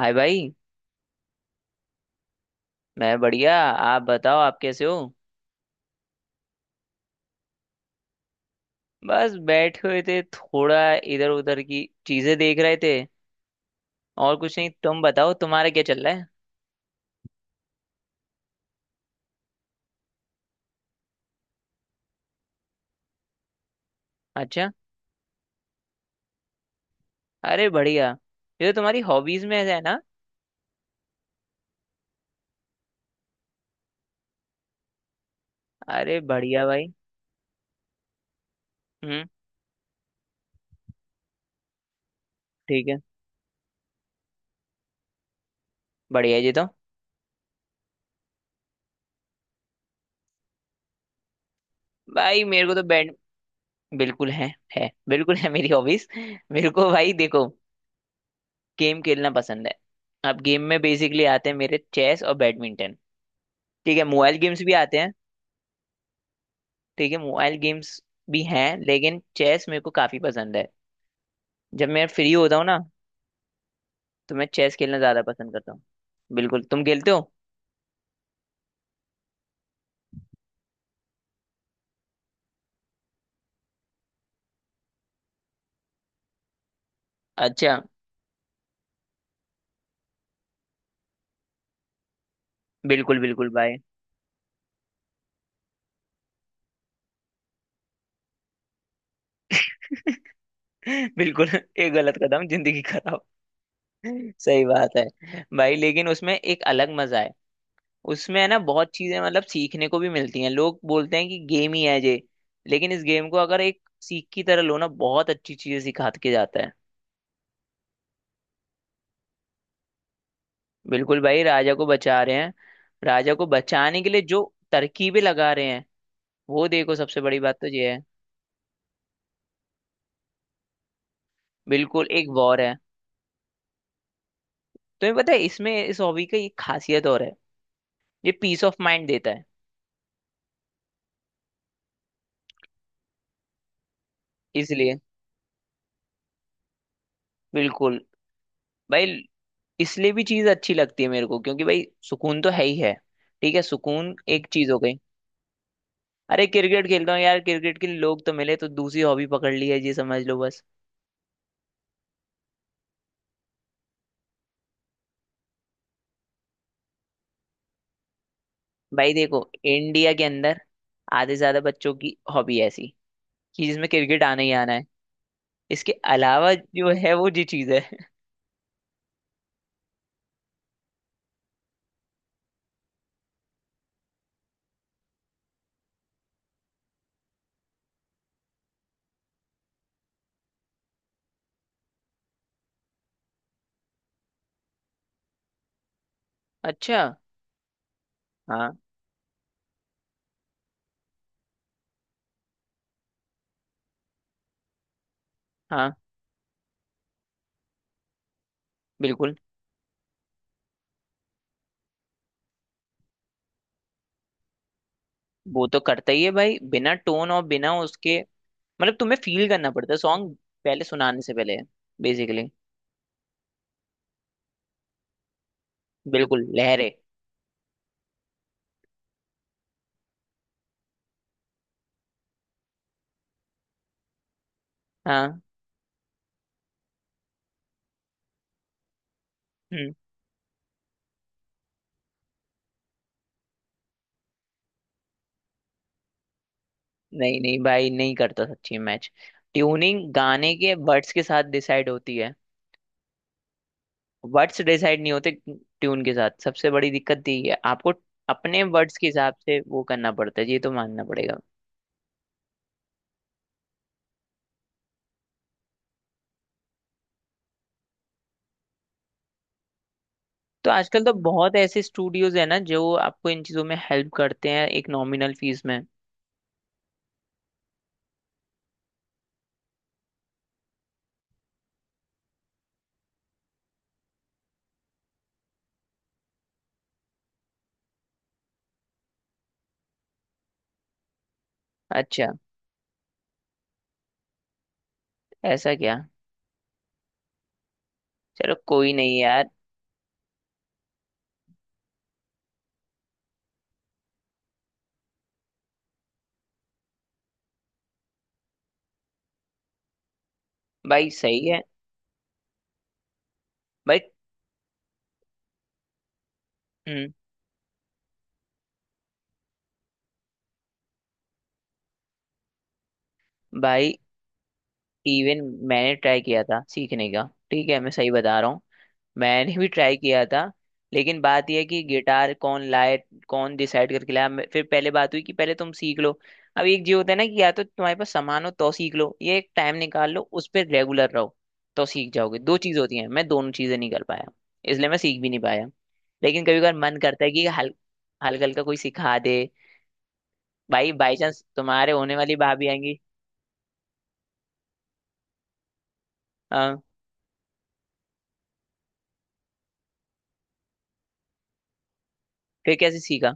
हाय भाई। मैं बढ़िया, आप बताओ, आप कैसे हो। बस बैठे हुए थे, थोड़ा इधर उधर की चीजें देख रहे थे। और कुछ नहीं, तुम बताओ तुम्हारा क्या चल रहा है। अच्छा। अरे बढ़िया, ये तो तुम्हारी हॉबीज में से है ना। अरे बढ़िया भाई। हम्म। ठीक है। बढ़िया जी। तो भाई मेरे को तो बैड बिल्कुल है बिल्कुल है मेरी हॉबीज। मेरे को भाई देखो, गेम खेलना पसंद है। अब गेम में बेसिकली आते हैं मेरे चेस और बैडमिंटन। ठीक है, मोबाइल गेम्स भी आते हैं। ठीक है, मोबाइल गेम्स भी हैं, लेकिन चेस मेरे को काफी पसंद है। जब मैं फ्री होता हूँ ना, तो मैं चेस खेलना ज्यादा पसंद करता हूँ। बिल्कुल, तुम खेलते हो। अच्छा। बिल्कुल बिल्कुल भाई। बिल्कुल, एक गलत कदम जिंदगी खराब। सही बात है भाई, लेकिन उसमें एक अलग मजा है। उसमें है ना बहुत चीजें मतलब सीखने को भी मिलती हैं। लोग बोलते हैं कि गेम ही है ये, लेकिन इस गेम को अगर एक सीख की तरह लो ना, बहुत अच्छी चीजें सिखा के जाता है। बिल्कुल भाई, राजा को बचा रहे हैं। राजा को बचाने के लिए जो तरकीबें लगा रहे हैं, वो देखो, सबसे बड़ी बात तो ये है। बिल्कुल एक वॉर है। तुम्हें पता है इसमें इस हॉबी का ये खासियत और है, ये पीस ऑफ माइंड देता है। इसलिए बिल्कुल भाई, इसलिए भी चीज अच्छी लगती है मेरे को, क्योंकि भाई सुकून तो है ही है। ठीक है, सुकून एक चीज हो गई। अरे क्रिकेट खेलता हूँ यार, क्रिकेट के लिए लोग तो मिले, तो दूसरी हॉबी पकड़ ली है ये, समझ लो बस। भाई देखो, इंडिया के अंदर आधे से ज्यादा बच्चों की हॉबी ऐसी कि जिसमें क्रिकेट आना ही आना है। इसके अलावा जो है वो जी चीज है। अच्छा। हाँ हाँ, बिल्कुल। वो तो करता ही है भाई, बिना टोन और बिना उसके मतलब तुम्हें फील करना पड़ता है सॉन्ग पहले सुनाने से पहले, बेसिकली। बिल्कुल लहरे। हाँ। हम्म। नहीं नहीं भाई, नहीं करता सच्ची मैच। ट्यूनिंग गाने के वर्ड्स के साथ डिसाइड होती है। वर्ड्स डिसाइड नहीं होते ट्यून के साथ, सबसे बड़ी दिक्कत यही है आपको। अपने वर्ड्स के हिसाब से वो करना पड़ता है, ये तो मानना पड़ेगा। तो आजकल तो बहुत ऐसे स्टूडियोज है ना, जो आपको इन चीजों में हेल्प करते हैं एक नॉमिनल फीस में। अच्छा। ऐसा क्या। चलो कोई नहीं यार। भाई सही है। भाई हम्म, भाई इवन मैंने ट्राई किया था सीखने का। ठीक है, मैं सही बता रहा हूँ। मैंने भी ट्राई किया था, लेकिन बात यह है कि गिटार कौन लाए। कौन डिसाइड करके लाया। फिर पहले बात हुई कि पहले तुम सीख लो। अब एक जी होता है ना कि या तो तुम्हारे पास सामान हो तो सीख लो, ये एक टाइम निकाल लो उस पर रेगुलर रहो, तो सीख जाओगे। दो चीज होती हैं, मैं दोनों चीजें नहीं कर पाया, इसलिए मैं सीख भी नहीं पाया। लेकिन कभी कभार मन करता है कि हल हल्का हल्का कोई सिखा दे। भाई बाई चांस तुम्हारे होने वाली भाभी आएंगी। हाँ। फिर कैसे सीखा।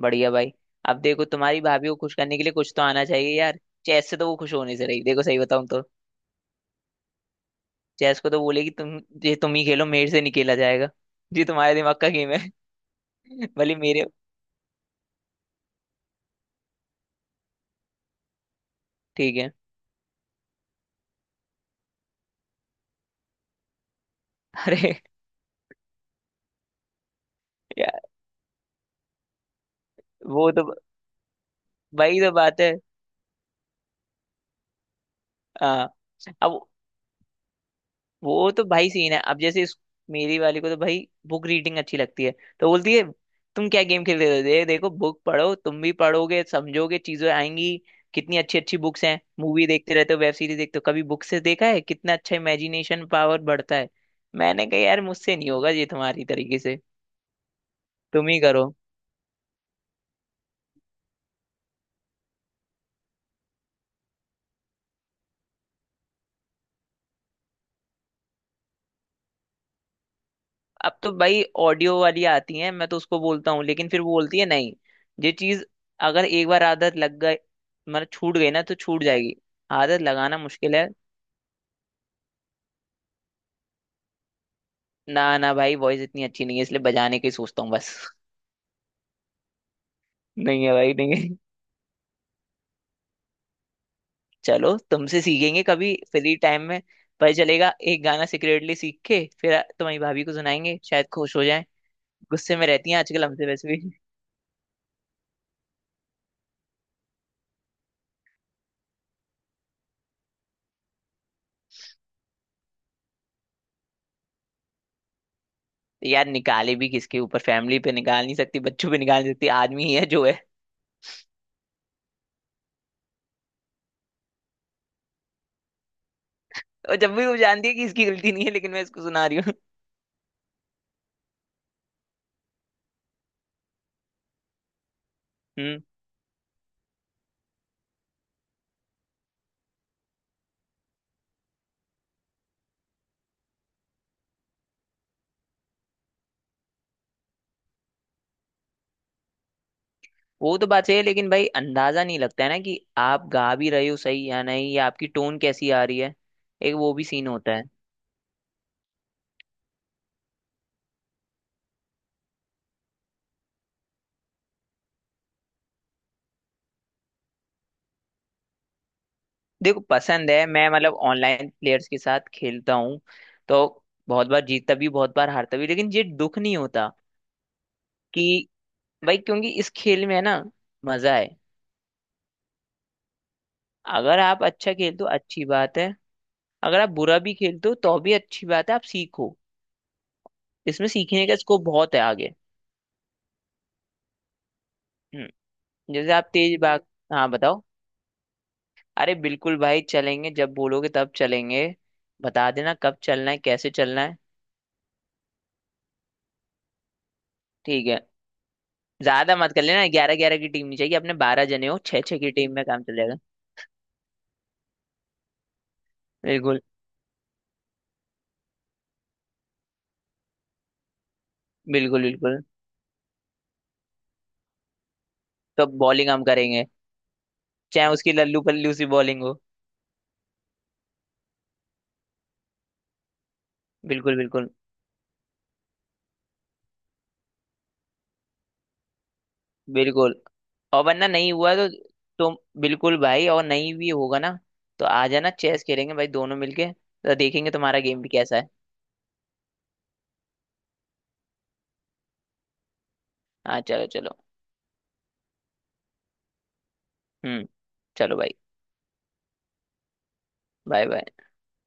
बढ़िया भाई। अब देखो तुम्हारी भाभी को खुश करने के लिए कुछ तो आना चाहिए यार। चेस से तो वो खुश होने से रही, देखो सही बताऊं तो। चेस को तो बोलेगी, तुम ये तुम ही खेलो, मेरे से नहीं खेला जाएगा। जी तुम्हारे दिमाग का गेम है। भले मेरे। ठीक है। अरे यार, वो तो वही तो बात है। हाँ अब। वो तो भाई सीन है अब, मेरी वाली को तो भाई बुक रीडिंग अच्छी लगती है। तो बोलती है, तुम क्या गेम खेलते हो, दे देखो बुक पढ़ो, तुम भी पढ़ोगे समझोगे, चीजें आएंगी। कितनी अच्छी अच्छी बुक्स हैं, मूवी देखते रहते हो, वेब सीरीज देखते हो, कभी बुक से देखा है कितना अच्छा इमेजिनेशन पावर बढ़ता है। मैंने कहा यार, मुझसे नहीं होगा ये तुम्हारी तरीके से, तुम ही करो। अब तो भाई ऑडियो वाली आती है, मैं तो उसको बोलता हूँ, लेकिन फिर वो बोलती है नहीं। ये चीज अगर एक बार आदत लग गई, मतलब छूट गई ना तो छूट जाएगी। आदत लगाना मुश्किल है। ना ना भाई, वॉइस इतनी अच्छी नहीं है इसलिए बजाने की सोचता हूँ बस। नहीं है भाई, नहीं है। चलो तुमसे सीखेंगे कभी फ्री टाइम में। पता चलेगा, एक गाना सीक्रेटली सीख के फिर तुम्हारी भाभी को सुनाएंगे, शायद खुश हो जाए। गुस्से में रहती हैं आजकल हमसे वैसे भी। यार निकाले भी किसके ऊपर, फैमिली पे निकाल नहीं सकती, बच्चों पे निकाल नहीं सकती, आदमी ही है जो है। और जब भी वो जानती है कि इसकी गलती नहीं है, लेकिन मैं इसको सुना रही हूँ। हम्म। वो तो बात सही है, लेकिन भाई अंदाजा नहीं लगता है ना कि आप गा भी रहे हो सही या नहीं, या आपकी टोन कैसी आ रही है। एक वो भी सीन होता है। देखो पसंद है, मैं मतलब ऑनलाइन प्लेयर्स के साथ खेलता हूँ। तो बहुत बार जीतता भी, बहुत बार हारता भी, लेकिन ये दुख नहीं होता कि भाई, क्योंकि इस खेल में है ना मजा है। अगर आप अच्छा खेलते हो, अच्छी बात है। अगर आप बुरा भी खेलते हो तो भी अच्छी बात है, आप सीखो। इसमें सीखने का स्कोप बहुत है आगे। हम्म, जैसे आप तेज भाग हाँ बताओ। अरे बिल्कुल भाई, चलेंगे, जब बोलोगे तब चलेंगे। बता देना कब चलना है, कैसे चलना है। ठीक है। ज्यादा मत कर लेना, 11 11 की टीम नहीं चाहिए, अपने 12 जने हो, 6 6 की टीम में काम चल जाएगा। बिल्कुल बिल्कुल। बिल्कुल, तो बॉलिंग हम करेंगे चाहे उसकी लल्लू पल्लू सी बॉलिंग हो। बिल्कुल बिल्कुल। बिल्कुल। और वरना नहीं हुआ तो तुम बिल्कुल भाई, और नहीं भी होगा ना, तो आ जाना, चेस खेलेंगे भाई दोनों मिलके, तो देखेंगे तुम्हारा गेम भी कैसा है। हाँ चलो चलो। हम्म चलो भाई। Bye bye.